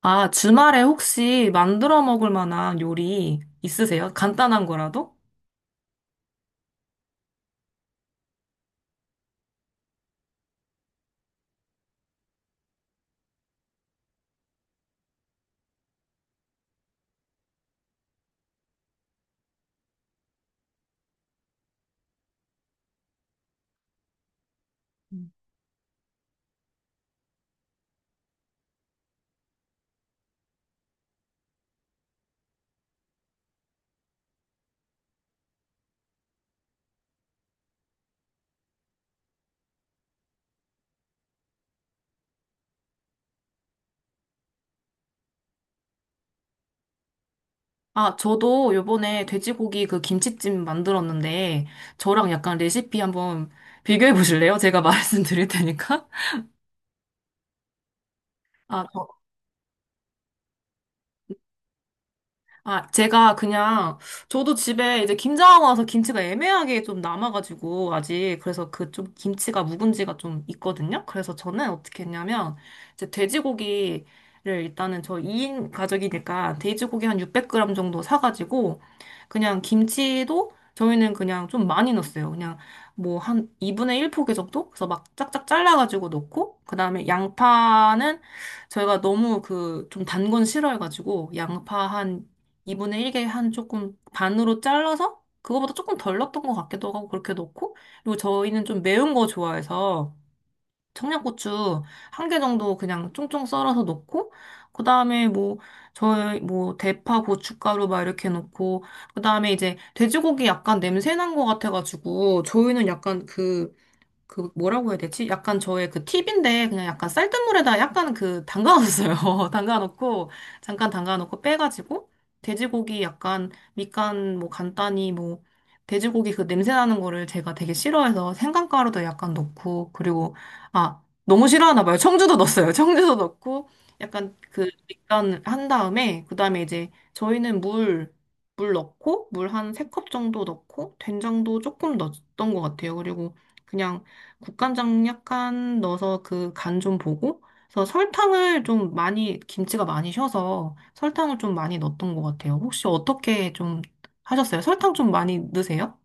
아, 주말에 혹시 만들어 먹을 만한 요리 있으세요? 간단한 거라도? 아, 저도 요번에 돼지고기 그 김치찜 만들었는데, 저랑 약간 레시피 한번 비교해 보실래요? 제가 말씀드릴 테니까. 아, 아, 제가 그냥, 저도 집에 이제 김장 와서 김치가 애매하게 좀 남아가지고, 아직. 그래서 그 좀 김치가 묵은지가 좀 있거든요? 그래서 저는 어떻게 했냐면, 이제 돼지고기를 일단은 저 2인 가족이니까 돼지고기 한 600g 정도 사가지고, 그냥 김치도 저희는 그냥 좀 많이 넣었어요. 그냥 뭐 한 2분의 1 포기 정도? 그래서 막 짝짝 잘라가지고 넣고, 그 다음에 양파는 저희가 너무 그 좀 단건 싫어해가지고, 양파 한 2분의 1개 한 조금 반으로 잘라서 그거보다 조금 덜 넣었던 것 같기도 하고 그렇게 넣고. 그리고 저희는 좀 매운 거 좋아해서 청양고추 1개 정도 그냥 쫑쫑 썰어서 넣고, 그다음에 뭐 저희 뭐 대파 고춧가루 막 이렇게 넣고, 그다음에 이제 돼지고기 약간 냄새 난 것 같아가지고 저희는 약간 그 뭐라고 해야 되지? 약간 저의 그 팁인데 그냥 약간 쌀뜨물에다 약간 그 담가놨어요. 담가놓고 잠깐 담가놓고 빼가지고 돼지고기 약간 밑간 뭐 간단히, 뭐 돼지고기 그 냄새 나는 거를 제가 되게 싫어해서 생강가루도 약간 넣고. 그리고 아, 너무 싫어하나 봐요. 청주도 넣었어요. 청주도 넣고 약간 그 밑간 한 다음에, 그다음에 이제 저희는 물 넣고, 물 한 3컵 정도 넣고, 된장도 조금 넣었던 것 같아요. 그리고 그냥 국간장 약간 넣어서 그 간 좀 보고, 그래서 설탕을 좀 많이, 김치가 많이 쉬어서 설탕을 좀 많이 넣었던 것 같아요. 혹시 어떻게 좀 하셨어요? 설탕 좀 많이 넣으세요?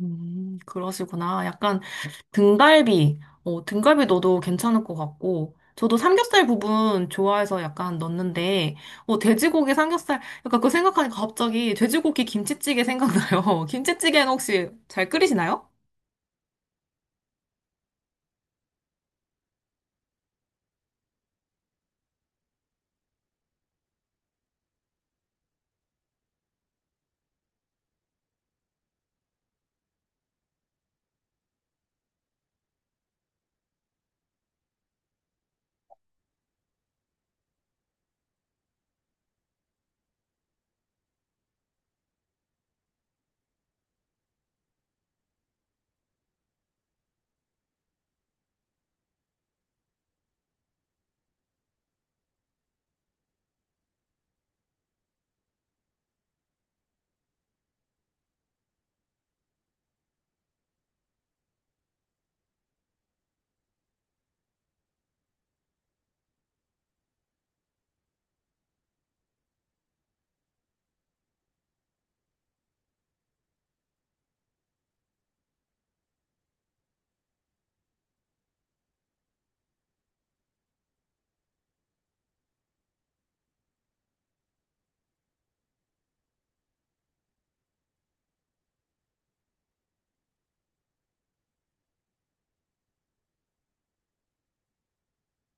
그러시구나. 약간 등갈비 넣어도 괜찮을 것 같고, 저도 삼겹살 부분 좋아해서 약간 넣는데, 어, 돼지고기 삼겹살, 약간 그거 생각하니까 갑자기 돼지고기 김치찌개 생각나요. 김치찌개는 혹시 잘 끓이시나요?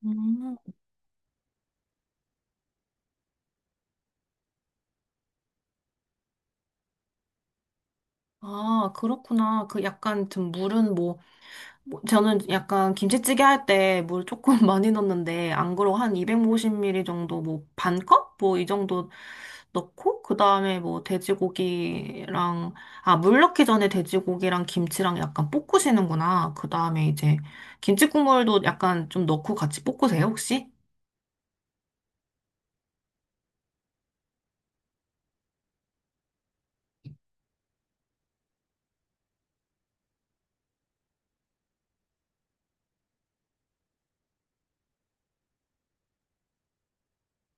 음. 아, 그렇구나. 그 약간 좀 물은 뭐, 뭐 저는 약간 김치찌개 할 때 물 조금 많이 넣는데, 안 그러고 한 250ml 정도, 뭐 반 컵? 뭐 이 정도 넣고 그다음에 뭐 돼지고기랑, 아, 물 넣기 전에 돼지고기랑 김치랑 약간 볶으시는구나. 그다음에 이제 김치 국물도 약간 좀 넣고 같이 볶으세요, 혹시?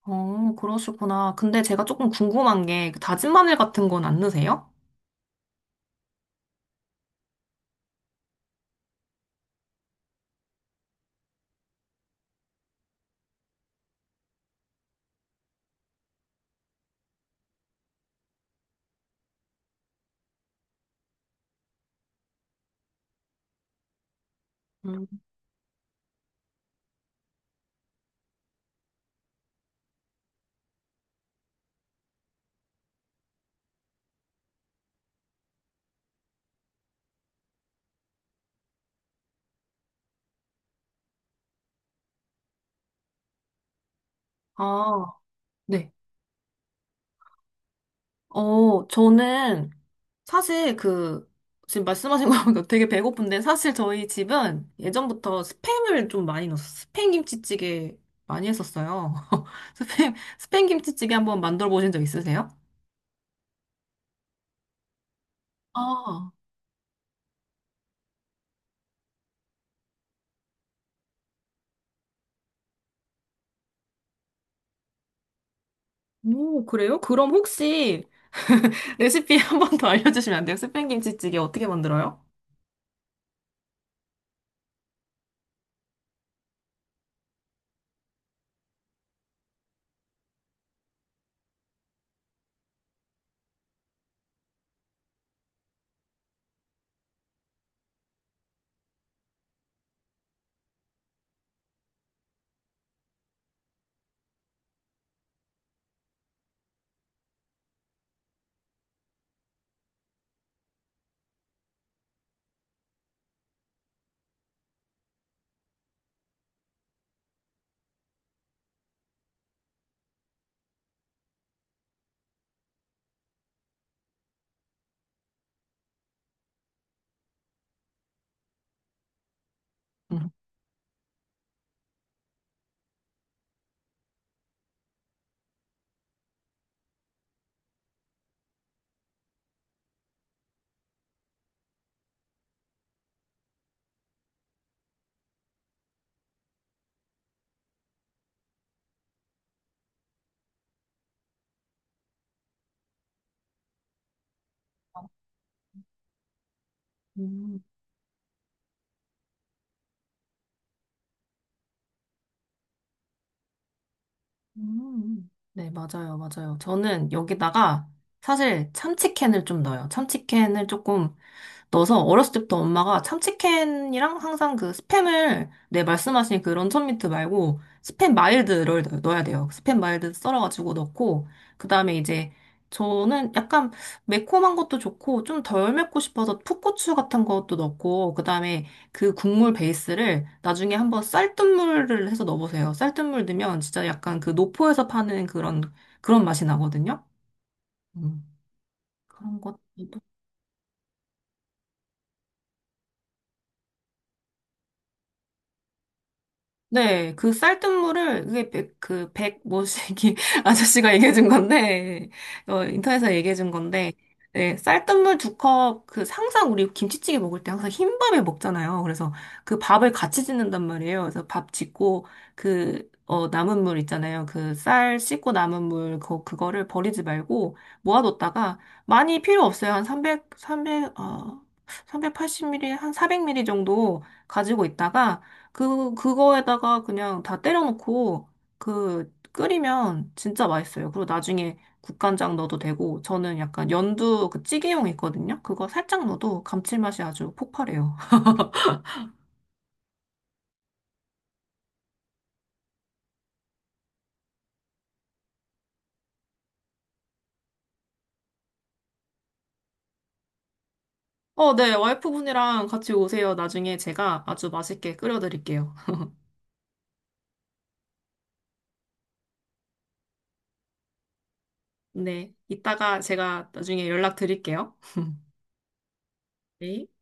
어, 그러시구나. 근데 제가 조금 궁금한 게 그 다진 마늘 같은 건 안 넣으세요? 음. 아, 네. 어, 저는 사실 그, 지금 말씀하신 거 보니까 되게 배고픈데, 사실 저희 집은 예전부터 스팸을 좀 많이 넣었어요. 스팸 김치찌개 많이 했었어요. 스팸, 스팸 김치찌개 한번 만들어 보신 적 있으세요? 아, 오, 그래요? 그럼 혹시 레시피 한번 더 알려주시면 안 돼요? 스팸 김치찌개 어떻게 만들어요? 음. 음, 네, 맞아요, 맞아요. 저는 여기다가 사실 참치캔을 좀 넣어요. 참치캔을 조금 넣어서 어렸을 때부터 엄마가 참치캔이랑 항상 그 스팸을, 내 말씀하신 그 런천 미트 말고 스팸 마일드를 넣어야 돼요. 스팸 마일드 썰어가지고 넣고 그다음에 이제 저는 약간 매콤한 것도 좋고 좀 덜 맵고 싶어서 풋고추 같은 것도 넣고, 그다음에 그 국물 베이스를 나중에 한번 쌀뜨물을 해서 넣어보세요. 쌀뜨물 넣으면 진짜 약간 그 노포에서 파는 그런 맛이 나거든요. 음, 그런 것. 네, 그 쌀뜨물을, 그게 백, 뭐시기 아저씨가 얘기해준 건데, 어, 인터넷에서 얘기해준 건데, 네, 쌀뜨물 2컵, 그, 항상 우리 김치찌개 먹을 때 항상 흰밥에 먹잖아요. 그래서 그 밥을 같이 짓는단 말이에요. 그래서 밥 짓고, 그, 어, 남은 물 있잖아요. 그 쌀 씻고 남은 물, 그, 그거를 버리지 말고 모아뒀다가, 많이 필요 없어요. 한 300, 어, 380ml, 한 400ml 정도 가지고 있다가, 그, 그거에다가 그냥 다 때려놓고, 그, 끓이면 진짜 맛있어요. 그리고 나중에 국간장 넣어도 되고, 저는 약간 연두 그 찌개용 있거든요? 그거 살짝 넣어도 감칠맛이 아주 폭발해요. 어, 네. 와이프분이랑 같이 오세요. 나중에 제가 아주 맛있게 끓여드릴게요. 네. 이따가 제가 나중에 연락드릴게요. 네.